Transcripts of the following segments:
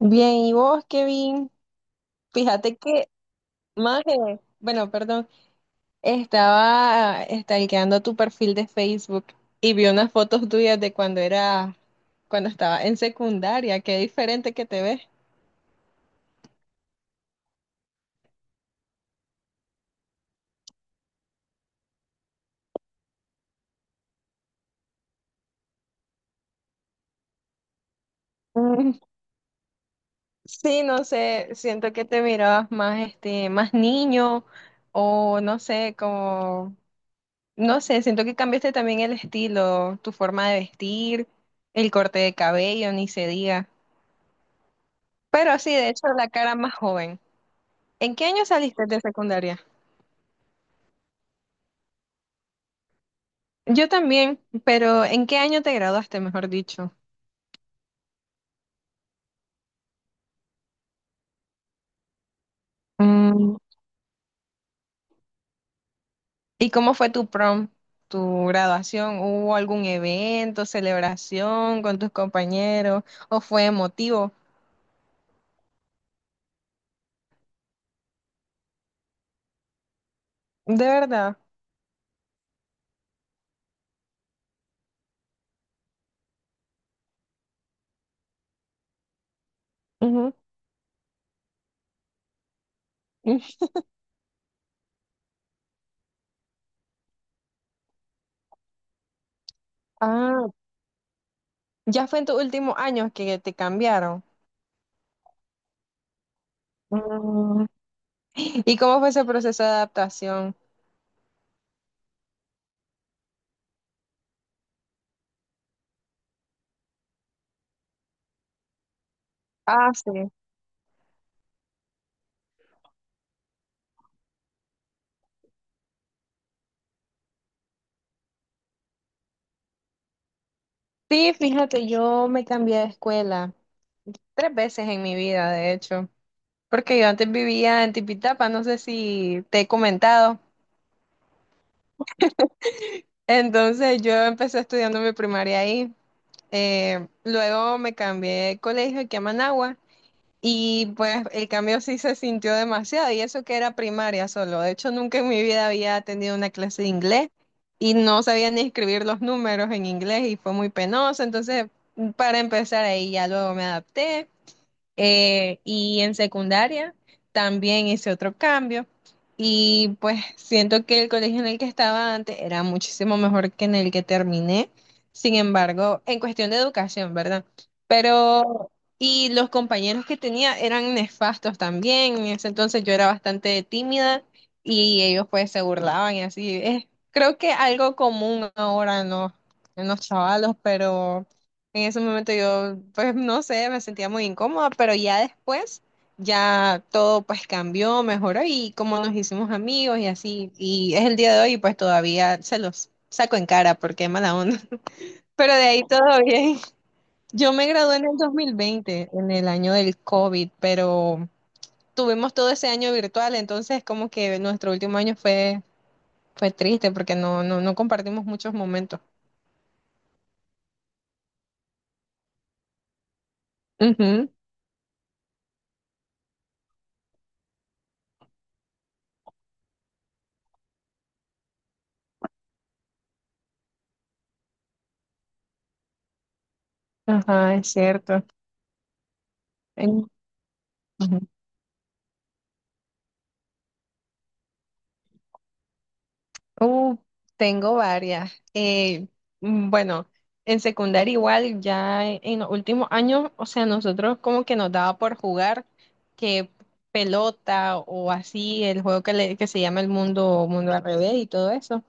Bien, ¿y vos, Kevin? Fíjate que, maje, bueno, perdón, estaba stalkeando tu perfil de Facebook y vi unas fotos tuyas de cuando estaba en secundaria, qué diferente que te ves. Mm, sí, no sé, siento que te mirabas más, este, más niño o no sé, como, no sé, siento que cambiaste también el estilo, tu forma de vestir, el corte de cabello, ni se diga. Pero sí, de hecho, la cara más joven. ¿En qué año saliste de secundaria? Yo también, pero ¿en qué año te graduaste, mejor dicho? Mm, ¿y cómo fue tu graduación? ¿Hubo algún evento, celebración con tus compañeros o fue emotivo? ¿De verdad? Ujú. Ah, ya fue en tus últimos años que te cambiaron. Mm, ¿y cómo fue ese proceso de adaptación? Ah, sí. Sí, fíjate, yo me cambié de escuela tres veces en mi vida, de hecho, porque yo antes vivía en Tipitapa, no sé si te he comentado. Entonces yo empecé estudiando mi primaria ahí. Luego me cambié de colegio aquí a Managua y pues el cambio sí se sintió demasiado, y eso que era primaria solo. De hecho, nunca en mi vida había tenido una clase de inglés y no sabía ni escribir los números en inglés y fue muy penoso. Entonces, para empezar ahí, ya luego me adapté. Y en secundaria también hice otro cambio. Y pues siento que el colegio en el que estaba antes era muchísimo mejor que en el que terminé, sin embargo, en cuestión de educación, ¿verdad? Pero y los compañeros que tenía eran nefastos también. En ese entonces yo era bastante tímida y ellos pues se burlaban y así. Es, creo que algo común ahora en en los chavalos, pero en ese momento yo, pues no sé, me sentía muy incómoda, pero ya después, ya todo pues cambió, mejoró y como nos hicimos amigos y así, y es el día de hoy, y pues todavía se los saco en cara porque mala onda. Pero de ahí todo bien. Yo me gradué en el 2020, en el año del COVID, pero tuvimos todo ese año virtual, entonces como que nuestro último año fue triste porque no compartimos muchos momentos. Ujú, ajá, es cierto. En- Ujú. Uh, tengo varias. Bueno, en secundaria igual, ya en los últimos años, o sea, nosotros como que nos daba por jugar que pelota o así, el juego que, que se llama El Mundo, Mundo al revés y todo eso.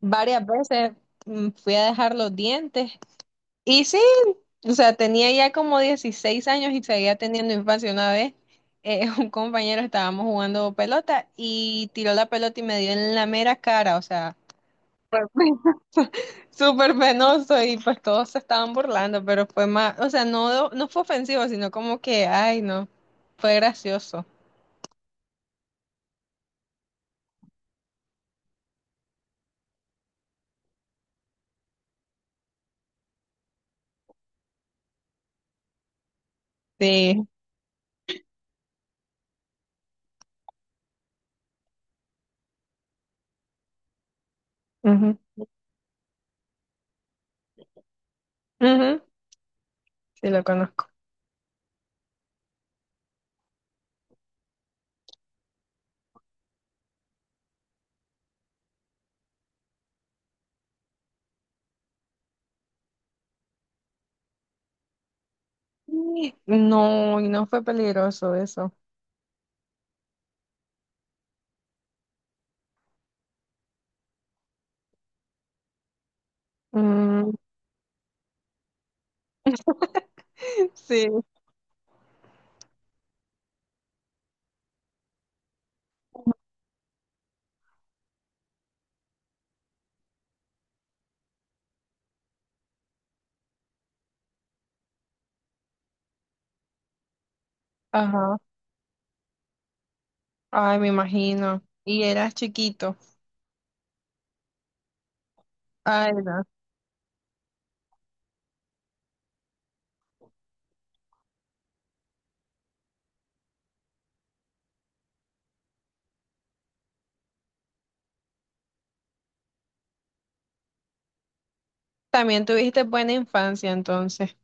Varias veces fui a dejar los dientes y sí, o sea, tenía ya como 16 años y seguía teniendo infancia una vez. Un compañero, estábamos jugando pelota y tiró la pelota y me dio en la mera cara, o sea, súper penoso y pues todos se estaban burlando, pero fue más, o sea, no fue ofensivo, sino como que, ay, no, fue gracioso. Sí, ujú, ujú, sí lo conozco. ¿Y no, y no fue peligroso eso? Mm, sí, ajá, ay, me imagino. Y eras chiquito. Ay, no. También tuviste buena infancia entonces.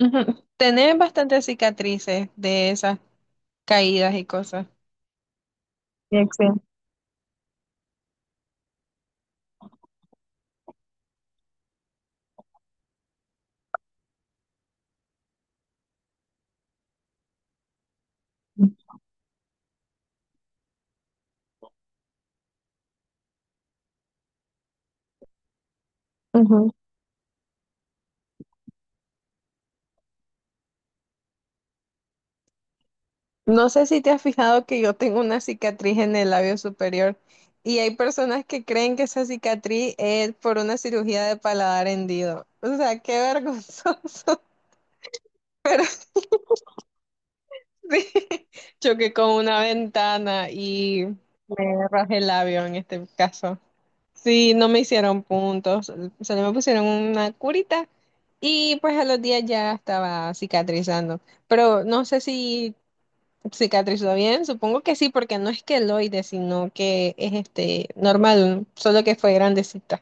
Ujú. Tenés bastantes cicatrices de esas caídas y cosas. Sí, sí. No sé si te has fijado que yo tengo una cicatriz en el labio superior y hay personas que creen que esa cicatriz es por una cirugía de paladar hendido. O sea, qué vergonzoso. Sí. Choqué con una ventana y me rajé el labio en este caso. Sí, no me hicieron puntos, solo me pusieron una curita y pues a los días ya estaba cicatrizando. Pero no sé si ¿cicatrizó bien? Supongo que sí, porque no es queloide, sino que es este normal, solo que fue grandecita.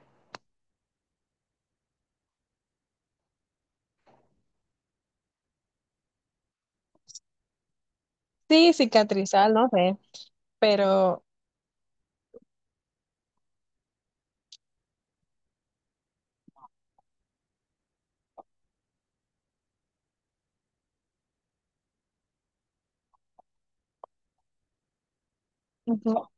Sí, cicatrizar, no sé, pero no,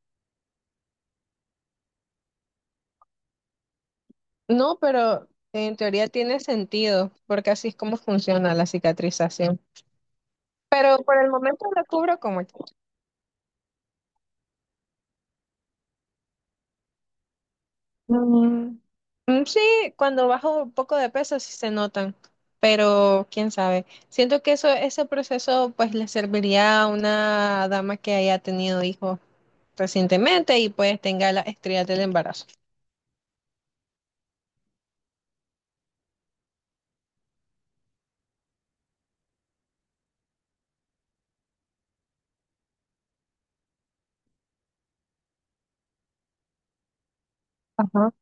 no, pero en teoría tiene sentido, porque así es como funciona la cicatrización. Pero por el momento lo cubro como... que- Mm, mm, sí, cuando bajo un poco de peso sí se notan, pero quién sabe. Siento que eso, ese proceso pues le serviría a una dama que haya tenido hijos recientemente y pues tenga las estrías del embarazo. Ajá.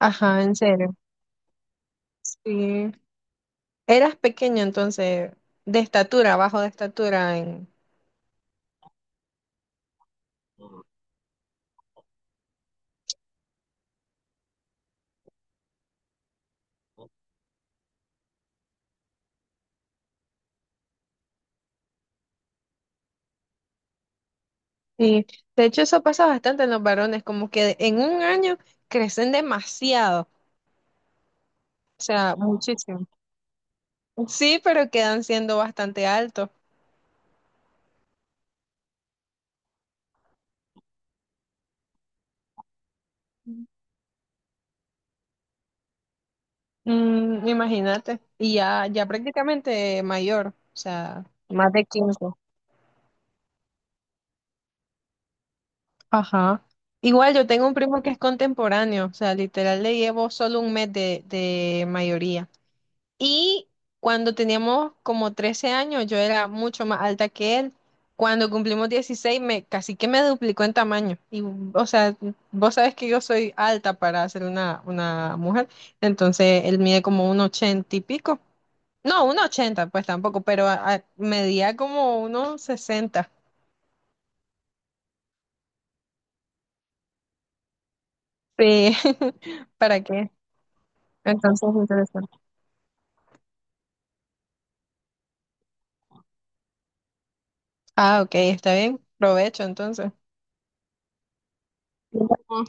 Ajá, ¿en serio? Sí. Eras pequeño entonces, de estatura, bajo de estatura en... Sí. De hecho, eso pasa bastante en los varones, como que en un año crecen demasiado. O sea, muchísimo. Sí, pero quedan siendo bastante altos. Mm, imagínate. Y ya, ya prácticamente mayor. O sea, más de 15. Ajá. Igual yo tengo un primo que es contemporáneo, o sea, literal le llevo solo un mes de mayoría. Y cuando teníamos como 13 años, yo era mucho más alta que él. Cuando cumplimos 16, me, casi que me duplicó en tamaño. Y, o sea, vos sabes que yo soy alta para ser una mujer, entonces él mide como un 80 y pico. No, un 80 pues tampoco, pero medía como unos 60. Sí, ¿para qué? Entonces, interesante. Ah, ok, está bien. Provecho entonces. Ujú.